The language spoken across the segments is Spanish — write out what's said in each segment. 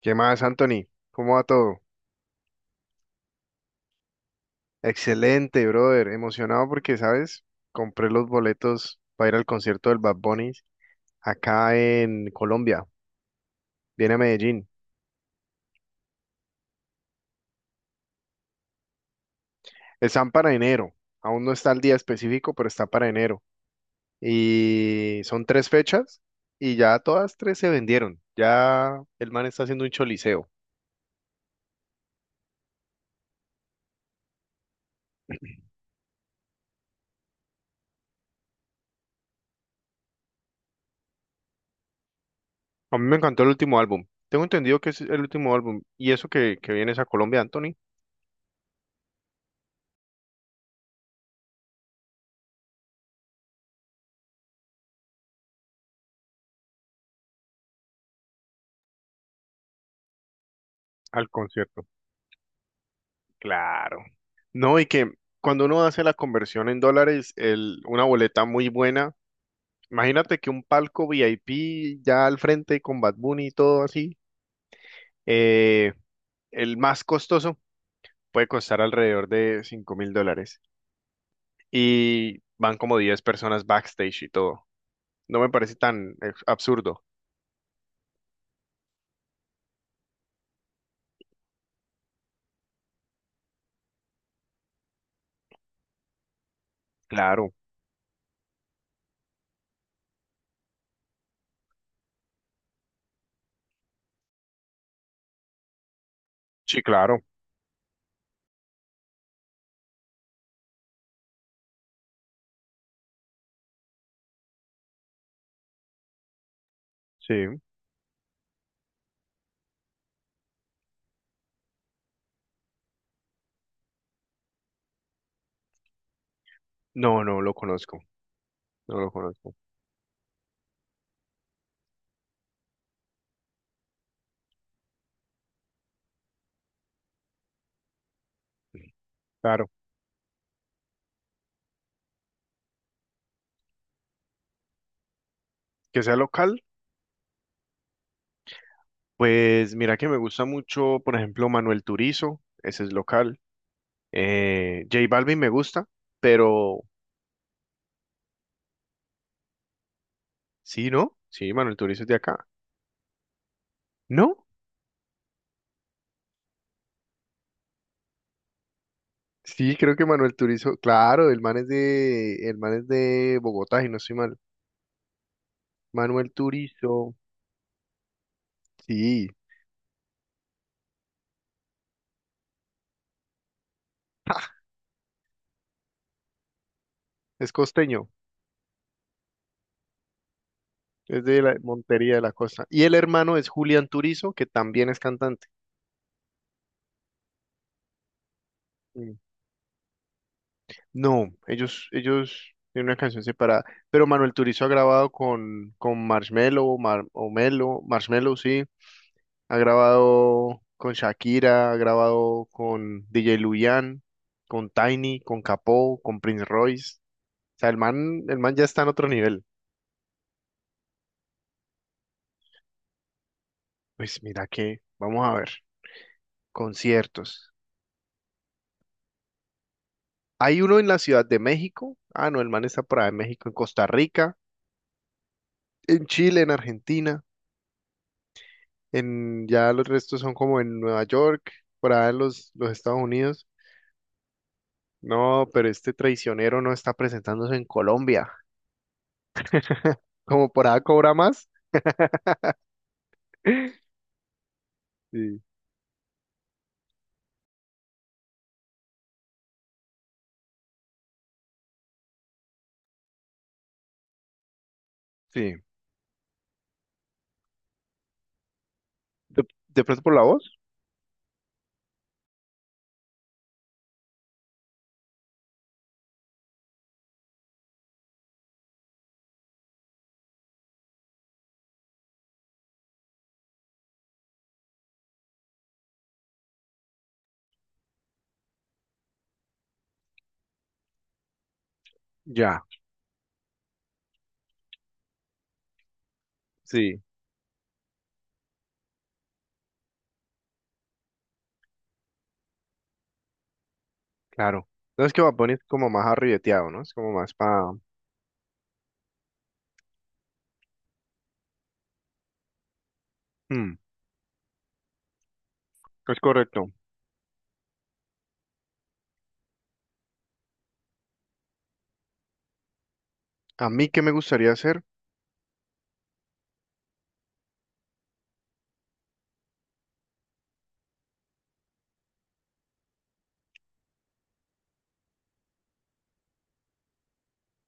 ¿Qué más, Anthony? ¿Cómo va todo? Excelente, brother. Emocionado porque, ¿sabes? Compré los boletos para ir al concierto del Bad Bunny acá en Colombia. Viene a Medellín. Están para enero. Aún no está el día específico, pero está para enero. Y son tres fechas y ya todas tres se vendieron. Ya el man está haciendo un choliseo. A mí me encantó el último álbum. Tengo entendido que es el último álbum. ¿Y eso que vienes a Colombia, Anthony? Al concierto. Claro. No, y que cuando uno hace la conversión en dólares, el, una boleta muy buena, imagínate que un palco VIP ya al frente con Bad Bunny y todo así, eh, el más costoso puede costar alrededor de 5 mil dólares y van como 10 personas backstage y todo. No me parece tan absurdo. Claro, sí, claro, sí. No, no lo conozco, no lo conozco. Claro, que sea local. Pues mira que me gusta mucho, por ejemplo, Manuel Turizo, ese es local. J Balvin me gusta, pero sí, ¿no? Sí, Manuel Turizo es de acá. ¿No? Sí, creo que Manuel Turizo, claro, el man es el man es de Bogotá, y no estoy mal. Manuel Turizo, sí, ¡ja! Es costeño, es de la Montería de la Costa. Y el hermano es Julián Turizo, que también es cantante. Mm. No, ellos tienen una canción separada. Pero Manuel Turizo ha grabado con Marshmello, Marshmello, sí. Ha grabado con Shakira, ha grabado con DJ Luyan, con Tiny, con Capó, con Prince Royce. O sea, el man ya está en otro nivel. Pues mira que, vamos a ver, conciertos. Hay uno en la Ciudad de México. Ah, no, el man está por ahí, en México, en Costa Rica, en Chile, en Argentina. En, ya los restos son como en Nueva York, por allá en los Estados Unidos. No, pero este traicionero no está presentándose en Colombia. Como por allá cobra más. Sí, sí. ¿De, de pronto por la voz? Ya, sí, claro. No es que Bad Bunny es como más arribeteado, ¿no? Es como más para... Es correcto. ¿A mí qué me gustaría hacer?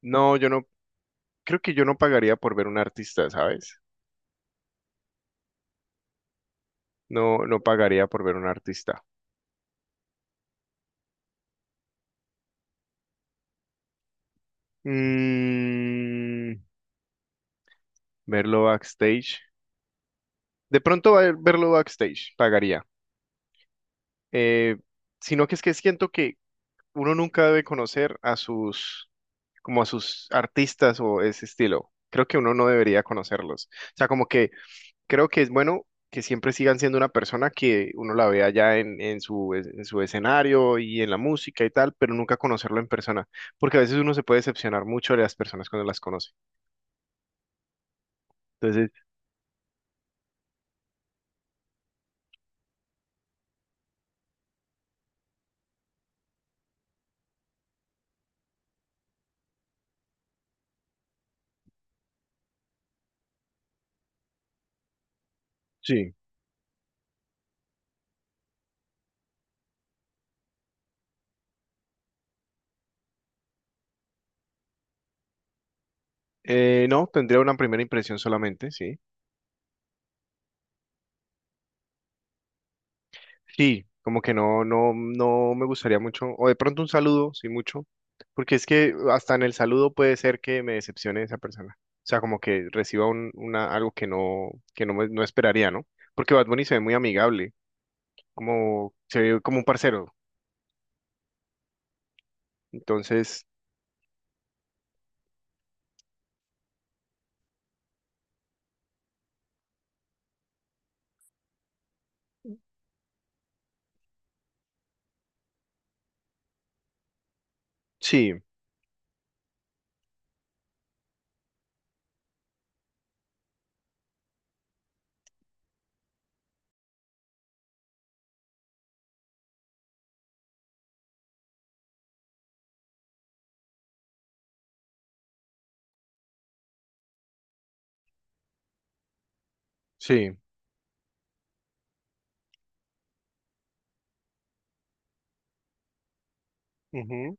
No, yo no... Creo que yo no pagaría por ver un artista, ¿sabes? No, no pagaría por ver un artista. Mm, verlo backstage. De pronto va a verlo backstage, pagaría. Eh, Sino que es que siento que uno nunca debe conocer a sus, como a sus artistas o ese estilo. Creo que uno no debería conocerlos. O sea, como que creo que es bueno que siempre sigan siendo una persona que uno la vea ya en su, en su escenario y en la música y tal, pero nunca conocerlo en persona. Porque a veces uno se puede decepcionar mucho de las personas cuando las conoce. Entonces, sí. No, tendría una primera impresión solamente, sí. Sí, como que no, no, no me gustaría mucho, o de pronto un saludo, sí mucho, porque es que hasta en el saludo puede ser que me decepcione esa persona. O sea, como que reciba un, una, algo que no, no esperaría, ¿no? Porque Bad Bunny se ve muy amigable, como, se ve como un parcero. Entonces, sí, sí. Ujú.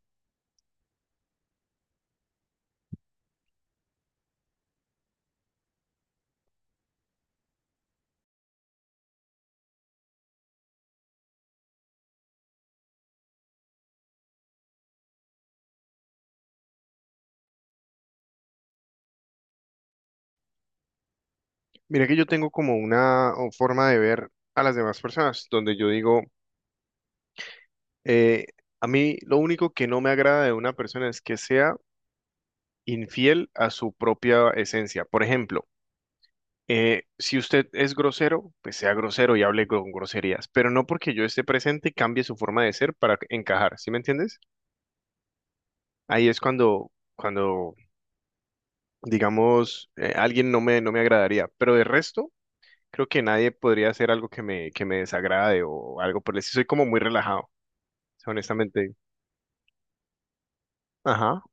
Mira que yo tengo como una o, forma de ver a las demás personas, donde yo digo, eh, a mí lo único que no me agrada de una persona es que sea infiel a su propia esencia. Por ejemplo, si usted es grosero, pues sea grosero y hable con groserías, pero no porque yo esté presente cambie su forma de ser para encajar, ¿sí me entiendes? Ahí es cuando digamos, alguien no no me agradaría, pero de resto, creo que nadie podría hacer algo que que me desagrade o algo por el estilo. Soy como muy relajado, o sea, honestamente. Ajá.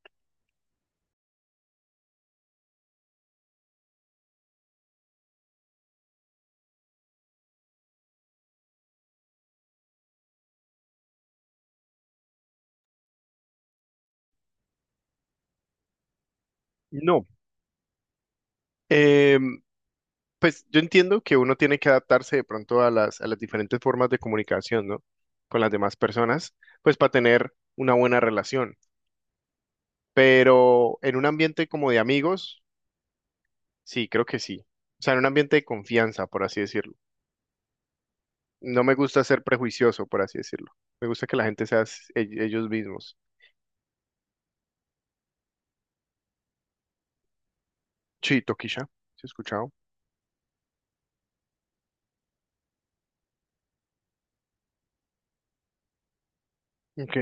No. Em, Pues yo entiendo que uno tiene que adaptarse de pronto a a las diferentes formas de comunicación, ¿no? Con las demás personas, pues para tener una buena relación. Pero en un ambiente como de amigos, sí, creo que sí. O sea, en un ambiente de confianza, por así decirlo. No me gusta ser prejuicioso, por así decirlo. Me gusta que la gente sea ellos mismos. Sí, Tokisha, ¿sí he escuchado? Ok,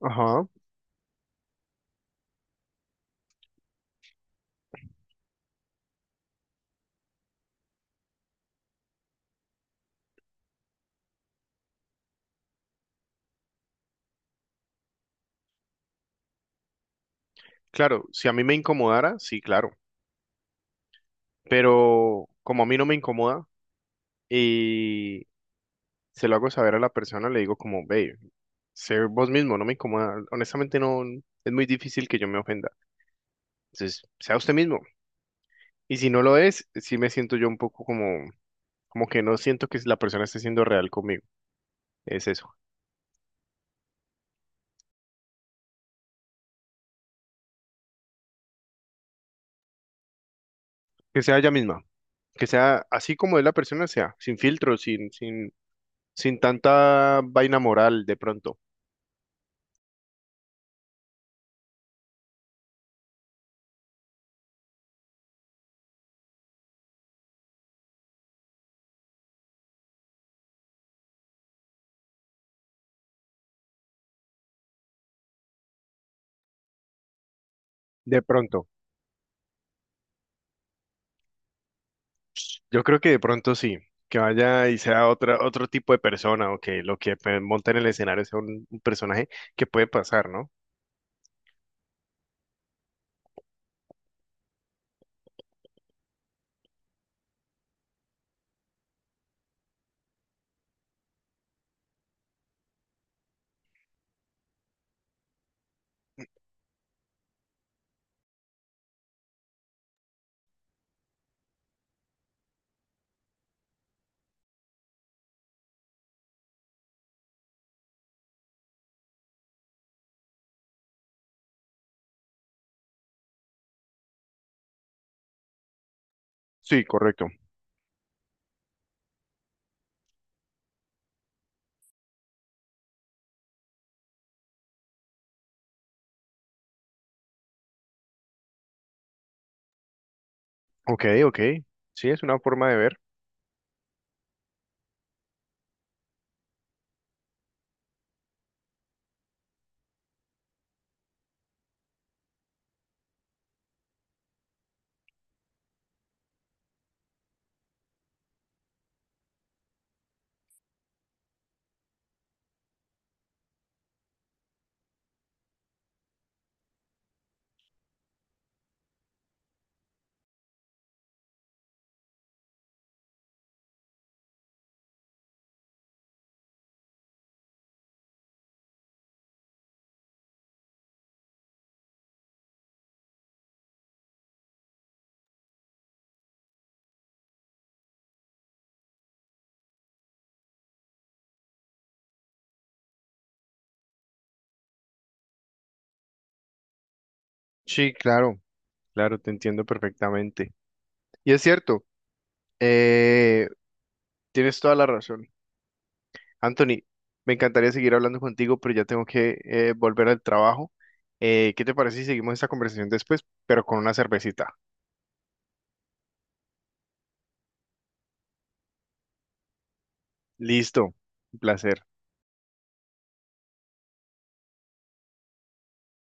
ajá. Claro, si a mí me incomodara, sí, claro. Pero como a mí no me incomoda, se lo hago saber a la persona, le digo como, ve, sé vos mismo, no me incomoda. Honestamente, no, es muy difícil que yo me ofenda. Entonces, sea usted mismo. Y si no lo es, sí me siento yo un poco como, como que no siento que la persona esté siendo real conmigo. Es eso. Que sea ella misma. Que sea así como es la persona, sea, sin filtro, sin tanta vaina moral, de pronto. De pronto. Yo creo que de pronto sí. Que vaya y sea otra, otro tipo de persona o que lo que pues, monta en el escenario sea un personaje que puede pasar, ¿no? Sí, correcto. Ok, ok. Sí, es una forma de ver. Sí, claro, claro, te entiendo perfectamente. Y es cierto, eh, tienes toda la razón. Anthony, me encantaría seguir hablando contigo, pero ya tengo que volver al trabajo. ¿Qué te parece si seguimos esta conversación después, pero con una cervecita? Listo, un placer.